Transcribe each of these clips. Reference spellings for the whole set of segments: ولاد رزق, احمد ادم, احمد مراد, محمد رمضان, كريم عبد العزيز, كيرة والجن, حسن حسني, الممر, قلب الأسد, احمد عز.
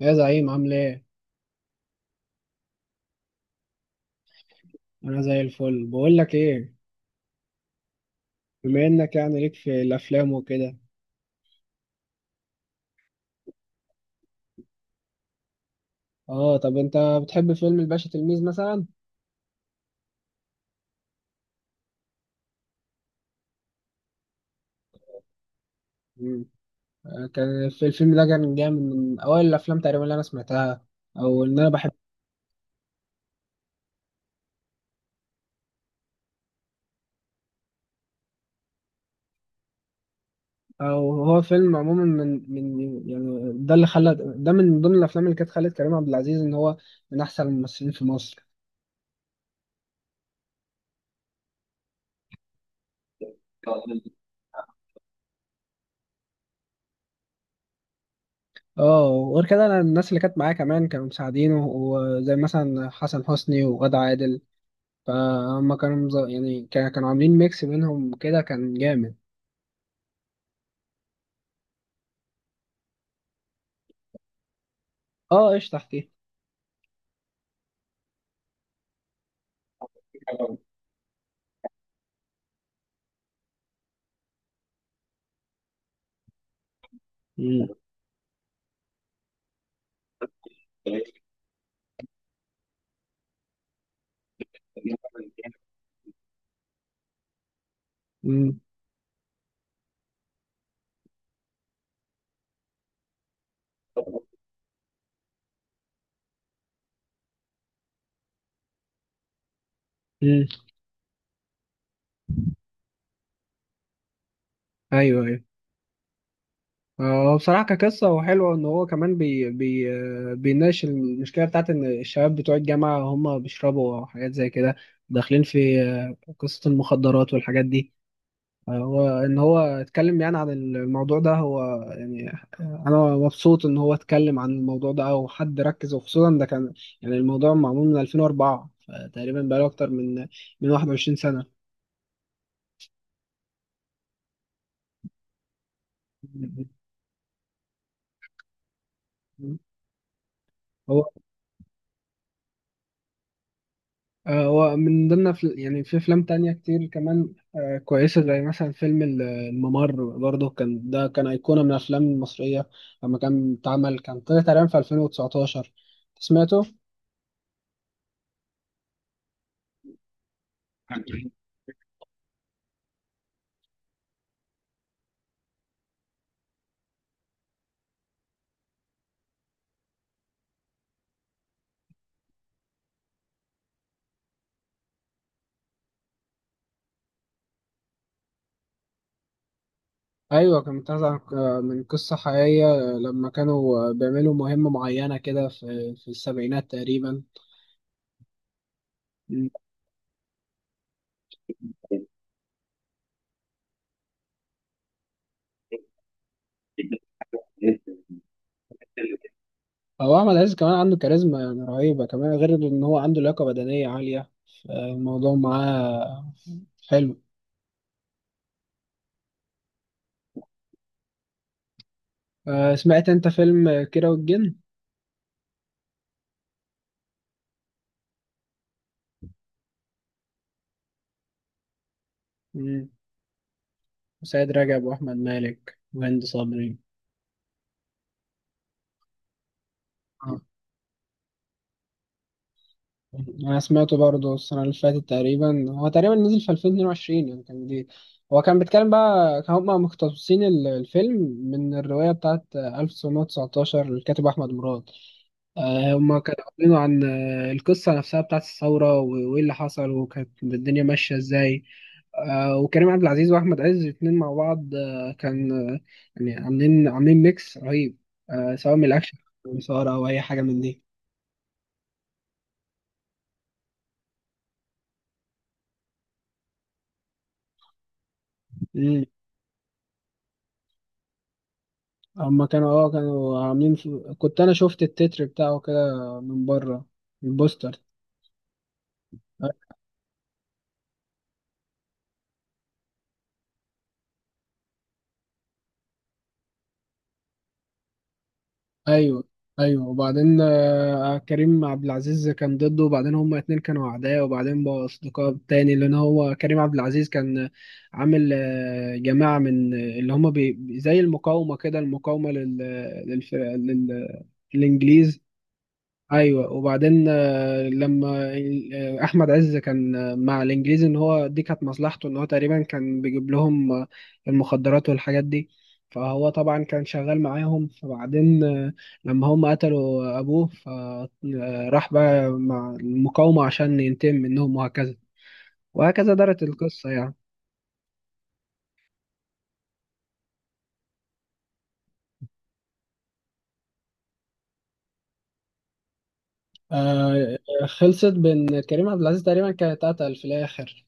يا زعيم، عامل ايه؟ انا زي الفل. بقول لك ايه، بما انك يعني ليك في الافلام وكده، اه، طب انت بتحب فيلم الباشا تلميذ مثلا؟ مم. كان في الفيلم ده، كان جامد من اوائل الافلام تقريبا اللي انا سمعتها. او ان انا بحب. او هو فيلم عموما من يعني ده اللي خلى ده من ضمن الافلام اللي كانت خلت كريم عبد العزيز ان هو من احسن الممثلين في مصر. اه، وغير كده، انا الناس اللي كانت معايا كمان كانوا مساعدينه، وزي مثلا حسن حسني وغادة عادل. فهم كانوا عاملين ميكس بينهم كده، كان جامد. اه، ايش تحتيه؟ مم. مم. مم. ايوه، ايوه، هو بصراحة كقصة هو حلو ان هو كمان بي بي بيناقش المشكلة بتاعت ان الشباب بتوع الجامعة هم بيشربوا حاجات زي كده، داخلين في قصة المخدرات والحاجات دي. هو ان هو اتكلم يعني عن الموضوع ده، هو يعني انا مبسوط ان هو اتكلم عن الموضوع ده، او حد ركز، وخصوصا ده كان يعني الموضوع معمول من 2004، فتقريبا بقاله اكتر من 21 سنة. هو هو من ضمن يعني في افلام تانية كتير كمان كويسة، زي مثلا فيلم الممر. برضه كان ده كان أيقونة من الافلام المصرية لما كان اتعمل. كان طلع تقريبا في 2019. سمعته؟ ايوه، كان متاخد من قصه حقيقيه، لما كانوا بيعملوا مهمه معينه كده في السبعينات تقريبا. مم. هو احمد عز كمان عنده كاريزما يعني رهيبه، كمان غير ان هو عنده لياقه بدنيه عاليه. الموضوع معاه حلو. سمعت انت فيلم كيرة والجن؟ مم. وسيد رجب واحمد مالك وهند صبري. انا سمعته برضه السنه اللي فاتت، تقريبا هو تقريبا نزل في 2022، يعني كان جديد. هو كان بيتكلم بقى، كان هما مقتبسين الفيلم من الروايه بتاعت 1919 للكاتب احمد مراد. هما كانوا عاملينه عن القصه نفسها بتاعت الثوره وايه اللي حصل وكانت الدنيا ماشيه ازاي. وكريم عبد العزيز واحمد عز الاتنين مع بعض كان عاملين ميكس رهيب، سواء من الاكشن او الإثارة أو اي حاجه من دي. هما كانوا عاملين في... كنت انا شفت التتر بتاعه كده من بره، البوستر. ايوه، ايوه، وبعدين كريم عبد العزيز كان ضده، وبعدين هما اتنين كانوا اعداء، وبعدين بقوا اصدقاء تاني، لان هو كريم عبد العزيز كان عامل جماعة من اللي هما زي المقاومة كده، المقاومة للف... لل... للانجليز. ايوه، وبعدين لما احمد عز كان مع الانجليزي، ان هو دي كانت مصلحته، ان هو تقريبا كان بيجيب لهم المخدرات والحاجات دي. فهو طبعا كان شغال معاهم. فبعدين لما هم قتلوا ابوه، فراح بقى مع المقاومة عشان ينتقم منهم، وهكذا وهكذا دارت القصة يعني. آه، خلصت بان كريم عبد العزيز تقريبا كان اتقتل في الاخر.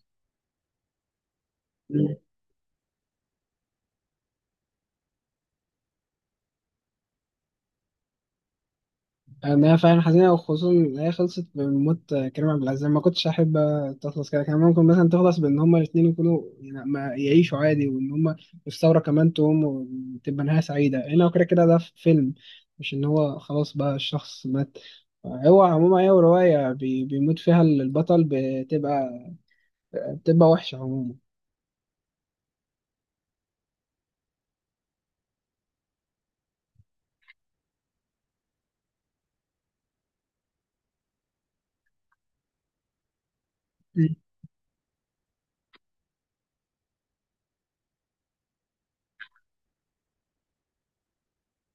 انا فعلا حزينه، وخصوصا ان هي خلصت بموت كريم عبد العزيز. ما كنتش احب تخلص كده. كان ممكن مثلا تخلص بان هما الاثنين يكونوا، يعني ما يعيشوا عادي، وان هما الثوره كمان تقوم، وتبقى نهايه سعيده هنا، وكده كده ده في فيلم، مش ان هو خلاص بقى الشخص مات. هو عموما هي روايه بيموت فيها البطل، بتبقى وحشه عموما. مم.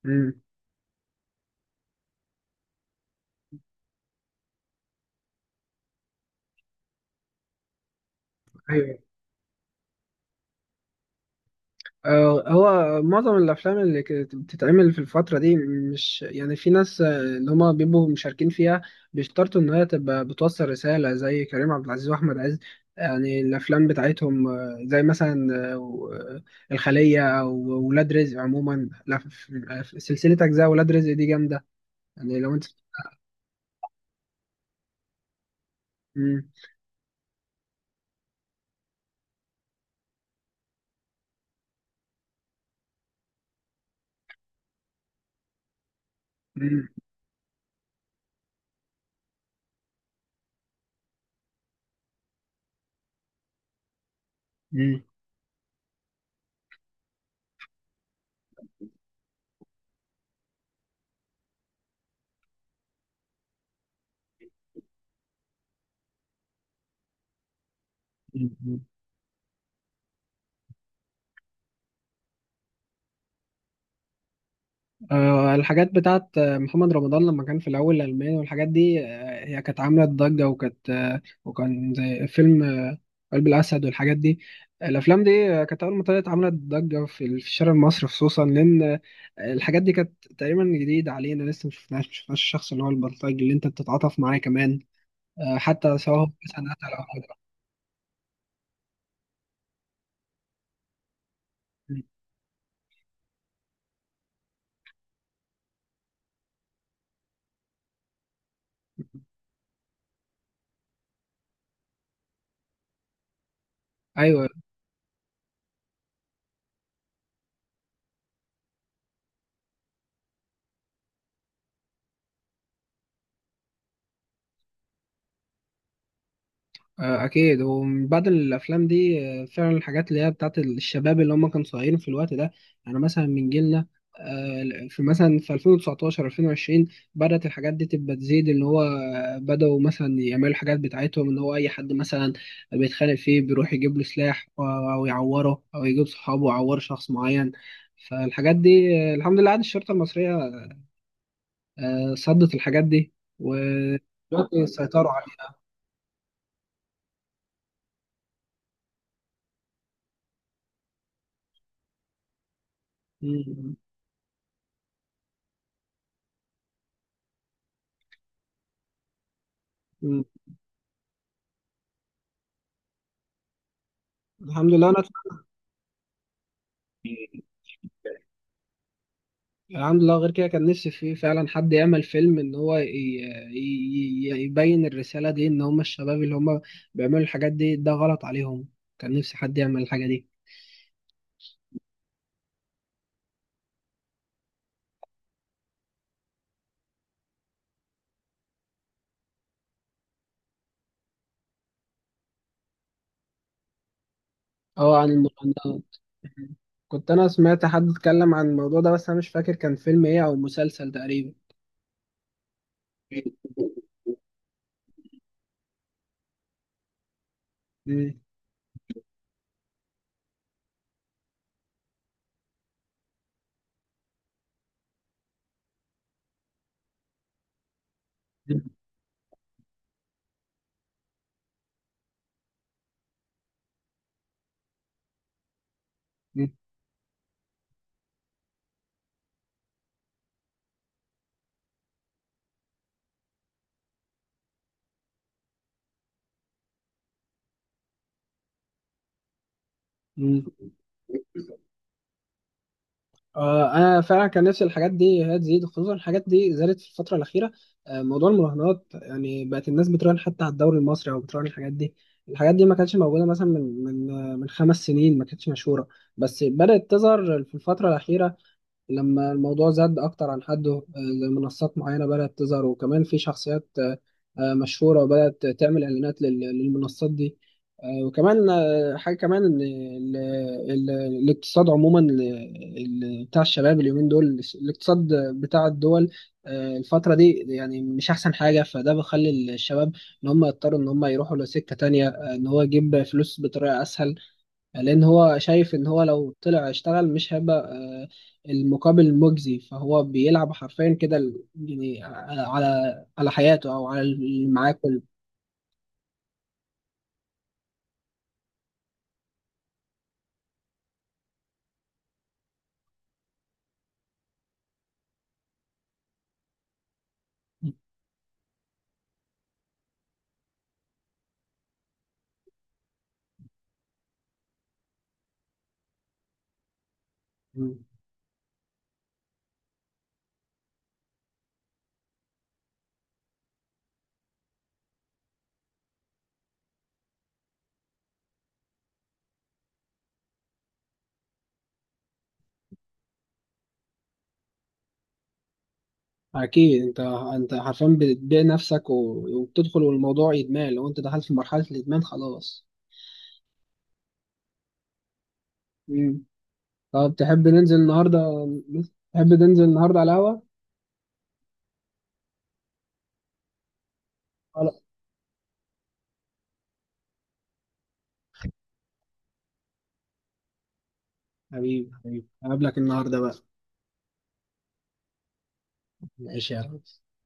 مم. ايوه. هو معظم الافلام اللي كانت بتتعمل في الفتره دي، مش يعني في ناس اللي هما بيبقوا مشاركين فيها بيشترطوا ان هي تبقى بتوصل رساله، زي كريم عبد العزيز واحمد عز. يعني الافلام بتاعتهم زي مثلا الخليه او ولاد رزق عموما. لا، في سلسله اجزاء ولاد رزق دي جامده، يعني لو انت. مم. مم. مم. الحاجات بتاعت محمد رمضان لما كان في الأول، الألماني والحاجات دي، هي كانت عاملة ضجة، وكانت وكان زي فيلم قلب الأسد والحاجات دي. الأفلام دي كانت أول ما طلعت عملت ضجة في في الشارع المصري، خصوصا لأن الحاجات دي كانت تقريبا جديدة علينا، لسه مشفناش الشخص اللي هو البلطجي اللي أنت بتتعاطف معاه كمان، حتى سواء هو مثلا قتل أو حاجة. أيوه. اكيد هو من بعد الافلام دي فعلا الحاجات اللي هي بتاعت الشباب اللي هم كانوا صغيرين في الوقت ده، يعني مثلا من جيلنا في مثلا في 2019، 2020 بدأت الحاجات دي تبقى تزيد، اللي هو بدأوا مثلا يعملوا الحاجات بتاعتهم، اللي هو أي حد مثلا بيتخانق فيه بيروح يجيب له سلاح، أو يعوره أو يجيب صحابه يعور شخص معين. فالحاجات دي الحمد لله، عاد الشرطة المصرية صدت الحاجات دي، ودلوقتي سيطروا عليها. مم. مم. الحمد لله. أنا الحمد لله، غير كده كان نفسي، في فعلا، حد يعمل فيلم، ان هو يبين الرسالة دي، ان هم الشباب اللي هم بيعملوا الحاجات دي ده غلط عليهم. كان نفسي حد يعمل الحاجة دي. اه، عن المراهنات. كنت انا سمعت حد اتكلم عن الموضوع ده، بس انا مش فاكر كان فيلم ايه او مسلسل تقريبا. مم. مم. انا فعلا كان نفسي الحاجات دي هي تزيد، خصوصا الحاجات دي زادت في الفتره الاخيره. موضوع المراهنات يعني، بقت الناس بتراهن حتى على الدوري المصري، او بتراهن الحاجات دي. الحاجات دي ما كانتش موجوده مثلا من 5 سنين، ما كانتش مشهوره. بس بدات تظهر في الفتره الاخيره، لما الموضوع زاد أكتر عن حده، زي منصات معينة بدأت تظهر. وكمان في شخصيات مشهورة بدأت تعمل إعلانات للمنصات دي. وكمان حاجة كمان، إن الاقتصاد عموما، بتاع الشباب اليومين دول، الاقتصاد بتاع الدول الفترة دي يعني مش أحسن حاجة. فده بيخلي الشباب إن هم يضطروا إن هم يروحوا لسكة تانية، إن هو يجيب فلوس بطريقة أسهل، لأن هو شايف إن هو لو طلع اشتغل مش هيبقى المقابل مجزي. فهو بيلعب حرفيا كده يعني على حياته أو على اللي معاه كله. مم. أكيد. أنت حرفيا بتبيع نفسك وبتدخل، والموضوع إدمان. لو أنت دخلت في مرحلة الإدمان خلاص. مم. طب تحب ننزل النهاردة على القهوة؟ خلاص حبيبي، حبيبي، هقابلك النهاردة بقى. ماشي يا ريس.